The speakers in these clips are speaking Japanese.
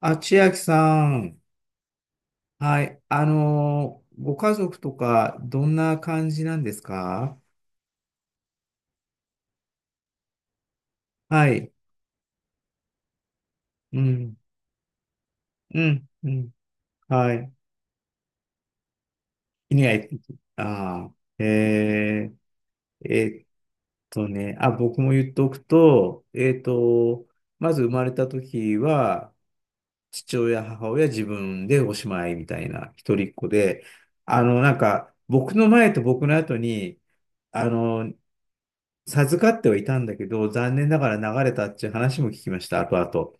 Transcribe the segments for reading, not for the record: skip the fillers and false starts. あ、千秋さん。はい。ご家族とか、どんな感じなんですか？はい。うん。うん。うん。はい。犬がいああ、ー、えっあ、僕も言っとくと、まず生まれた時は、父親、母親、自分でおしまいみたいな、一人っ子で、僕の前と僕の後に、あの、授かってはいたんだけど、残念ながら流れたっていう話も聞きました、後々。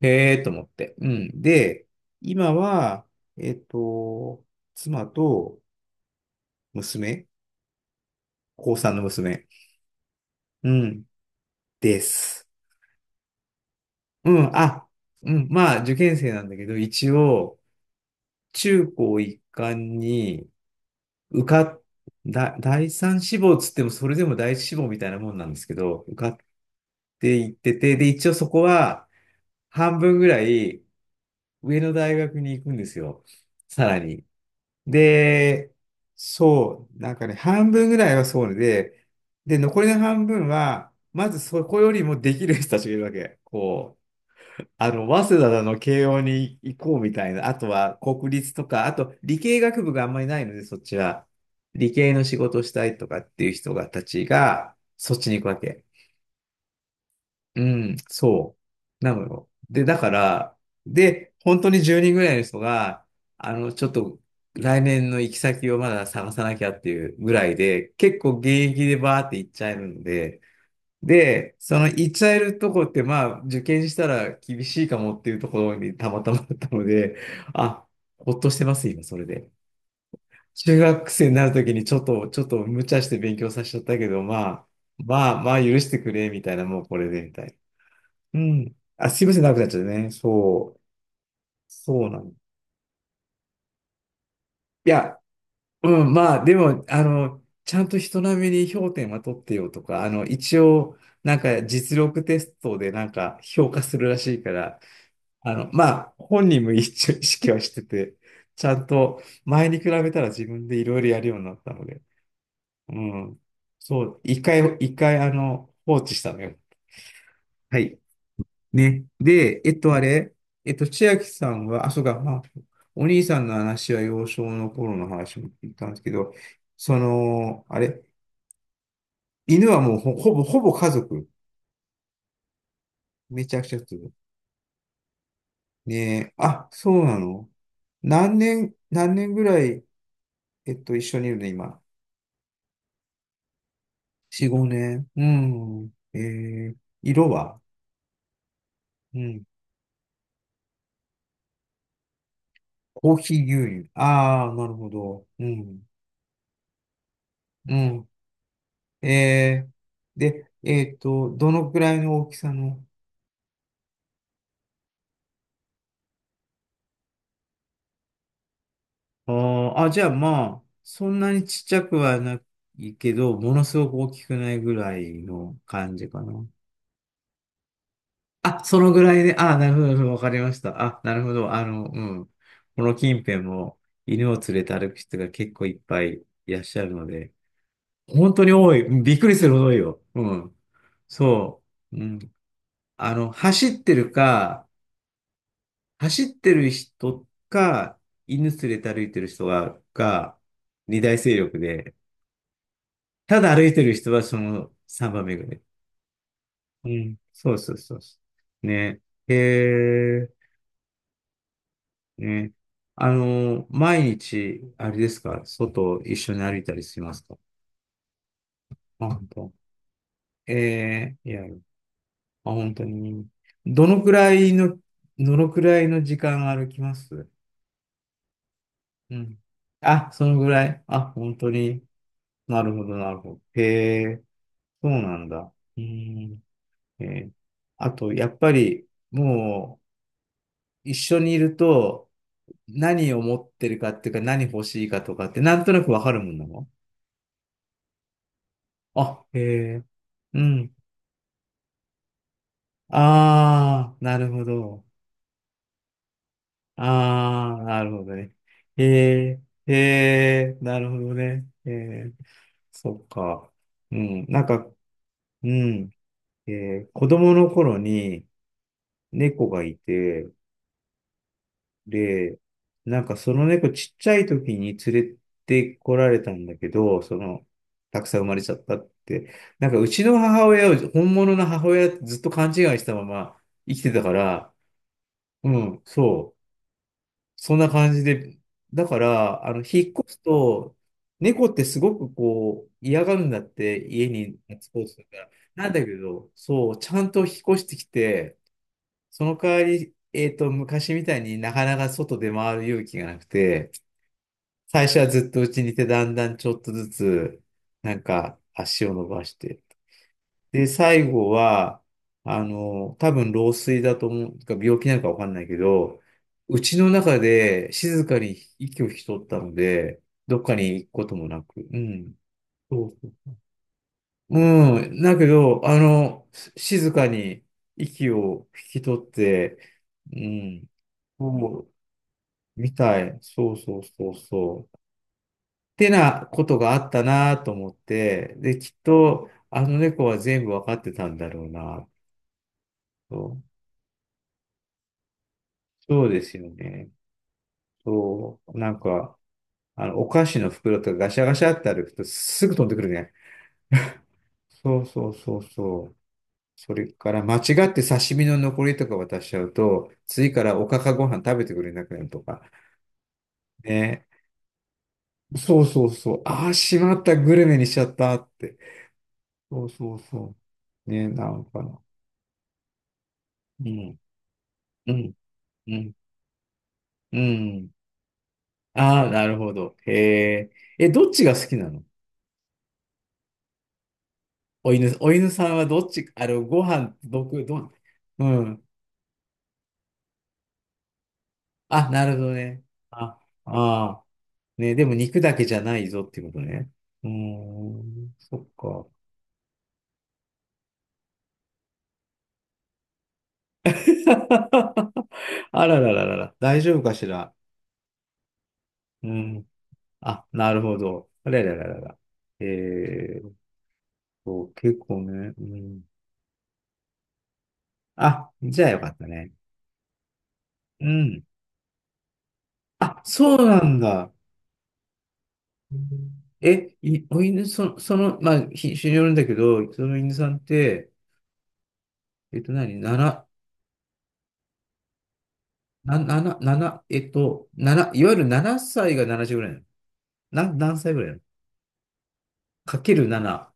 へえーと思って。うん。で、今は、えっと、妻と娘、高3の娘、うん、です。うん、あ、うん、まあ、受験生なんだけど、一応、中高一貫に受かっ、だ、第三志望つっても、それでも第一志望みたいなもんなんですけど、受かっていってて、で、一応そこは、半分ぐらい、上の大学に行くんですよ。さらに。で、そう、なんかね、半分ぐらいはそうで、で、残りの半分は、まずそこよりもできる人たちがいるわけ。早稲田の慶応に行こうみたいな、あとは国立とか、あと理系学部があんまりないので、そっちは。理系の仕事したいとかっていう人がたちが、そっちに行くわけ。うん、そう。なのよ。で、だから、で、本当に10人ぐらいの人が、ちょっと来年の行き先をまだ探さなきゃっていうぐらいで、結構現役でバーって行っちゃえるので、で、その行っちゃえるとこって、まあ、受験したら厳しいかもっていうところにたまたまだったので、あ、ほっとしてます、今、それで。中学生になるときにちょっと無茶して勉強させちゃったけど、まあ許してくれ、みたいな、もうこれで、みたいな。うん。あ、すいません、長くなっちゃってね。そう。そうなの。いや、うん、まあ、でも、ちゃんと人並みに評点は取ってよとか、一応、なんか実力テストでなんか評価するらしいから、まあ、本人も一応意識はしてて、ちゃんと前に比べたら自分でいろいろやるようになったので、うん。そう、一回、一回、放置したのよ。はい。ね。で、えっと、あれ、えっと、千秋さんは、あ、そうか、まあ、お兄さんの話は幼少の頃の話も聞いたんですけど、その、あれ、犬はもうほぼ家族？めちゃくちゃする。ねえ、あ、そうなの。何年ぐらい、一緒にいるの、今？4、5年。うん。色は？うん。コーヒー牛乳。ああ、なるほど。うん。うん。えで、どのくらいの大きさの？あーあ、じゃあまあ、そんなにちっちゃくはないけど、ものすごく大きくないぐらいの感じかな。あ、そのぐらいで、あ、なるほど、なるほどわかりました。あ、なるほど、うん。この近辺も犬を連れて歩く人が結構いっぱいいらっしゃるので、本当に多い。うん、びっくりするほど多いよ。うん。そう。うん。あの、走ってるか、走ってる人か、犬連れて歩いてる人が、二大勢力で、ただ歩いてる人はその三番目ぐらい。うん。そうそうそうそう。ね。へえ、ね。毎日、あれですか、外一緒に歩いたりしますか？あ、本当？ええ、いや、あ、本当に。どのくらいの、どのくらいの時間歩きます？うん。あ、そのぐらい。あ、本当に。なるほど、なるほど。へえ、そうなんだ。うん。えーあと、やっぱり、もう、一緒にいると、何を持ってるかっていうか、何欲しいかとかって、なんとなくわかるもんなの？あ、へえ、うん。ああ、なるほど。ああ、なるほどね。へえ、へえ、なるほどね。へえ、そっか。うん、なんか、うん、え子供の頃に猫がいて、で、なんかその猫ちっちゃい時に連れてこられたんだけど、たくさん生まれちゃったって。なんかうちの母親を本物の母親ってずっと勘違いしたまま生きてたから、うん、そう。そんな感じで。だから、引っ越すと、猫ってすごく嫌がるんだって、家に夏ポートだから。なんだけど、そう、ちゃんと引っ越してきて、その代わり、昔みたいになかなか外で回る勇気がなくて、最初はずっと家にいて、だんだんちょっとずつ、なんか足を伸ばして。で、最後は、多分老衰だと思う、か病気なのかわかんないけど、うちの中で静かに息を引き取ったので、どっかに行くこともなく、うん。そうそう、うん。だけど、静かに息を引き取って、うん、おう。みたい。そうそうそうそう。ってなことがあったなと思って、で、きっと、あの猫は全部わかってたんだろうなと。そうですよね。そう。なんか、お菓子の袋とかガシャガシャって歩くとすぐ飛んでくるね。そうそうそうそう。それから間違って刺身の残りとか渡しちゃうと、次からおかかご飯食べてくれなくなるとか。ね。そうそうそう。ああ、しまった、グルメにしちゃったって。そうそうそう。ね、なんかな。うん、うん、うん、うん。ああ、なるほど。へえ。え、どっちが好きなの？お犬さんはどっち、ご飯、僕、うん。あ、なるほどね。あ、ああ。ね、でも肉だけじゃないぞっていうことね。うーん、そっか。あららららら、大丈夫かしら？うん。あ、なるほど。あららららら。えー結構ね。うん。あ、じゃあよかったね。うん。あ、そうなんだ。うん。お犬、その、まあ、品種によるんだけど、その犬さんって、何、7、7、7、7、いわゆる7歳が70ぐらいなの。何歳ぐらいかける7？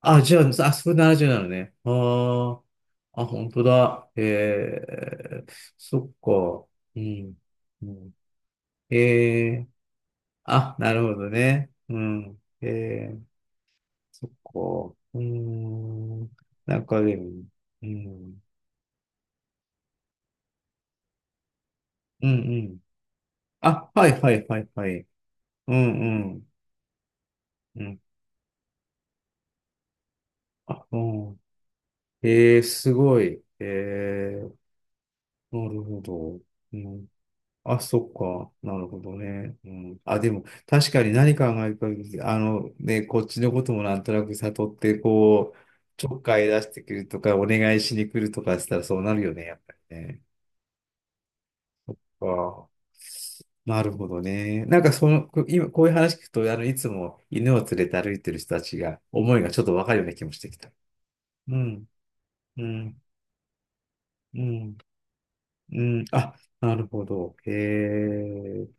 あ、じゃあ、あ、それ7うなのね。ああ、あ、本当だ。ええ、そっか。うん。うん。ええ、あ、なるほどね。うん。ええ、そっか。うーん。なんかでも、うん。うん、うん。あ、はい、はい、はい、はい。うん、うん。うん。あ、うん。ええ、すごい。ええ、なるほど。うん。あ、そっか。なるほどね。うん。あ、でも、確かに何考えるか、ね、こっちのこともなんとなく悟って、ちょっかい出してくるとか、お願いしに来るとかしたらそうなるよね、やっぱりね。ああ。なるほどね。なんかその、今、こういう話聞くと、いつも犬を連れて歩いてる人たちが、思いがちょっとわかるような気もしてきた。うん、うん、うん、うん。あ、なるほど。へえ。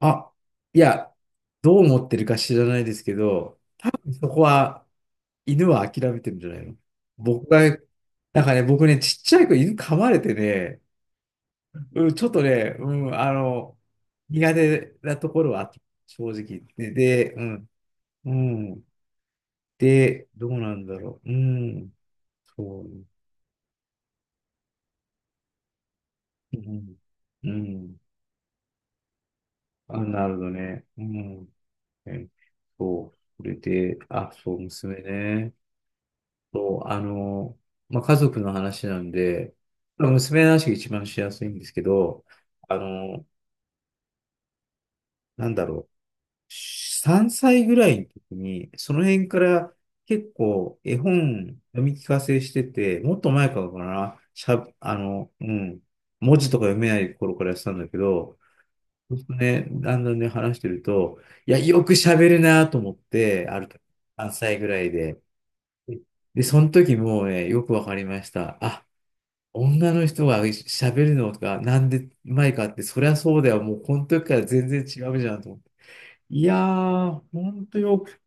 あ、いや、どう思ってるか知らないですけど、多分そこは犬は諦めてるんじゃないの僕が、僕ね、ちっちゃい子犬噛まれてね、うん、ちょっとね、うん、あの、苦手なところはあった正直。うん。で、どうなんだろう。うん、そう。うん、うん。あ、なるほどね。うん。えそう。それで、あ、そう、娘ね。そう、あの、まあ、家族の話なんで、まあ娘の話が一番しやすいんですけど、あの、なんだろう、3歳ぐらいの時に、その辺から結構絵本読み聞かせしてて、もっと前からかな、しゃ、あの、うん、文字とか読めない頃からやってたんだけど、そうするとね、だんだんね、話してると、いや、よく喋るなと思って、ある時、3歳ぐらいで、で、その時もうね、よくわかりました。女の人が喋るのがなんでうまいかって、そりゃそうだよ。もうこの時から全然違うじゃんと思って。いやー、ほんとよく、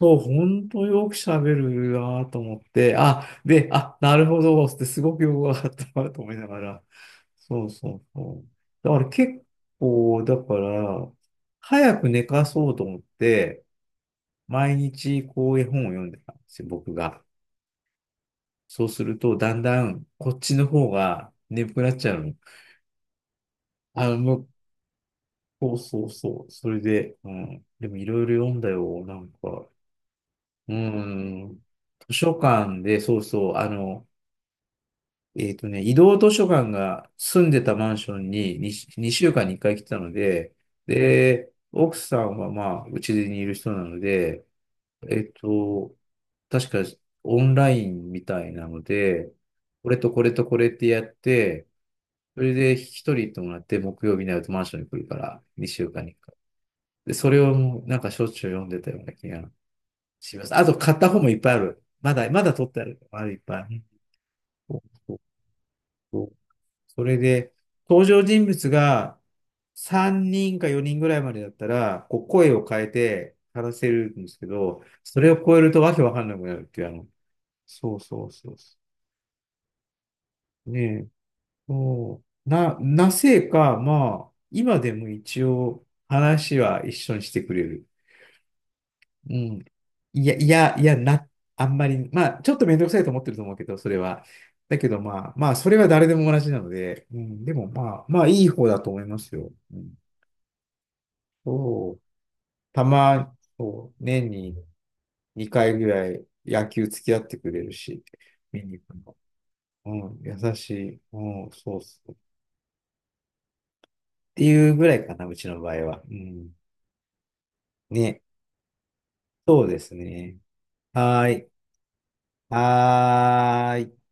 そう、ほんとよく喋るなーと思って、なるほど、ってすごくよくわかったなと思いながら。そうそうそう。だから結だから、早く寝かそうと思って、毎日こう絵本を読んでたんですよ、僕が。そうすると、だんだんこっちの方が眠くなっちゃうの。あの、向そうそうそう。それで、うん。でもいろいろ読んだよ。うん。図書館で、そうそう。移動図書館が住んでたマンションに2週間に1回来てたので、で、奥さんはまあ、うちにいる人なので、えっと、確かオンラインみたいなので、これとこれとこれってやって、それで一人行ってもらって、木曜日になるとマンションに来るから、2週間にで、それをもうなんかしょっちゅう読んでたような気がします。あと買った本もいっぱいある。まだ、まだ取ってある。あるいっぱいね。そうそうそうそれで、登場人物が3人か4人ぐらいまでだったら、こう声を変えて話せるんですけど、それを超えるとわけわかんなくなるっていう、そうそうそうそう。ねえ、なぜか、まあ、今でも一応話は一緒にしてくれる。うん。いや、いや、いや、な、あんまり、まあ、ちょっとめんどくさいと思ってると思うけど、それは。だけど、まあ、まあ、それは誰でも同じなので、うん、でも、まあ、まあ、いい方だと思いますよ。うん、そう、そう、年に2回ぐらい野球付き合ってくれるし、見に行くの。うん、優しい。うん、そうそう。っていうぐらいかな、うちの場合は。うん、ね。ねはーい。はーい。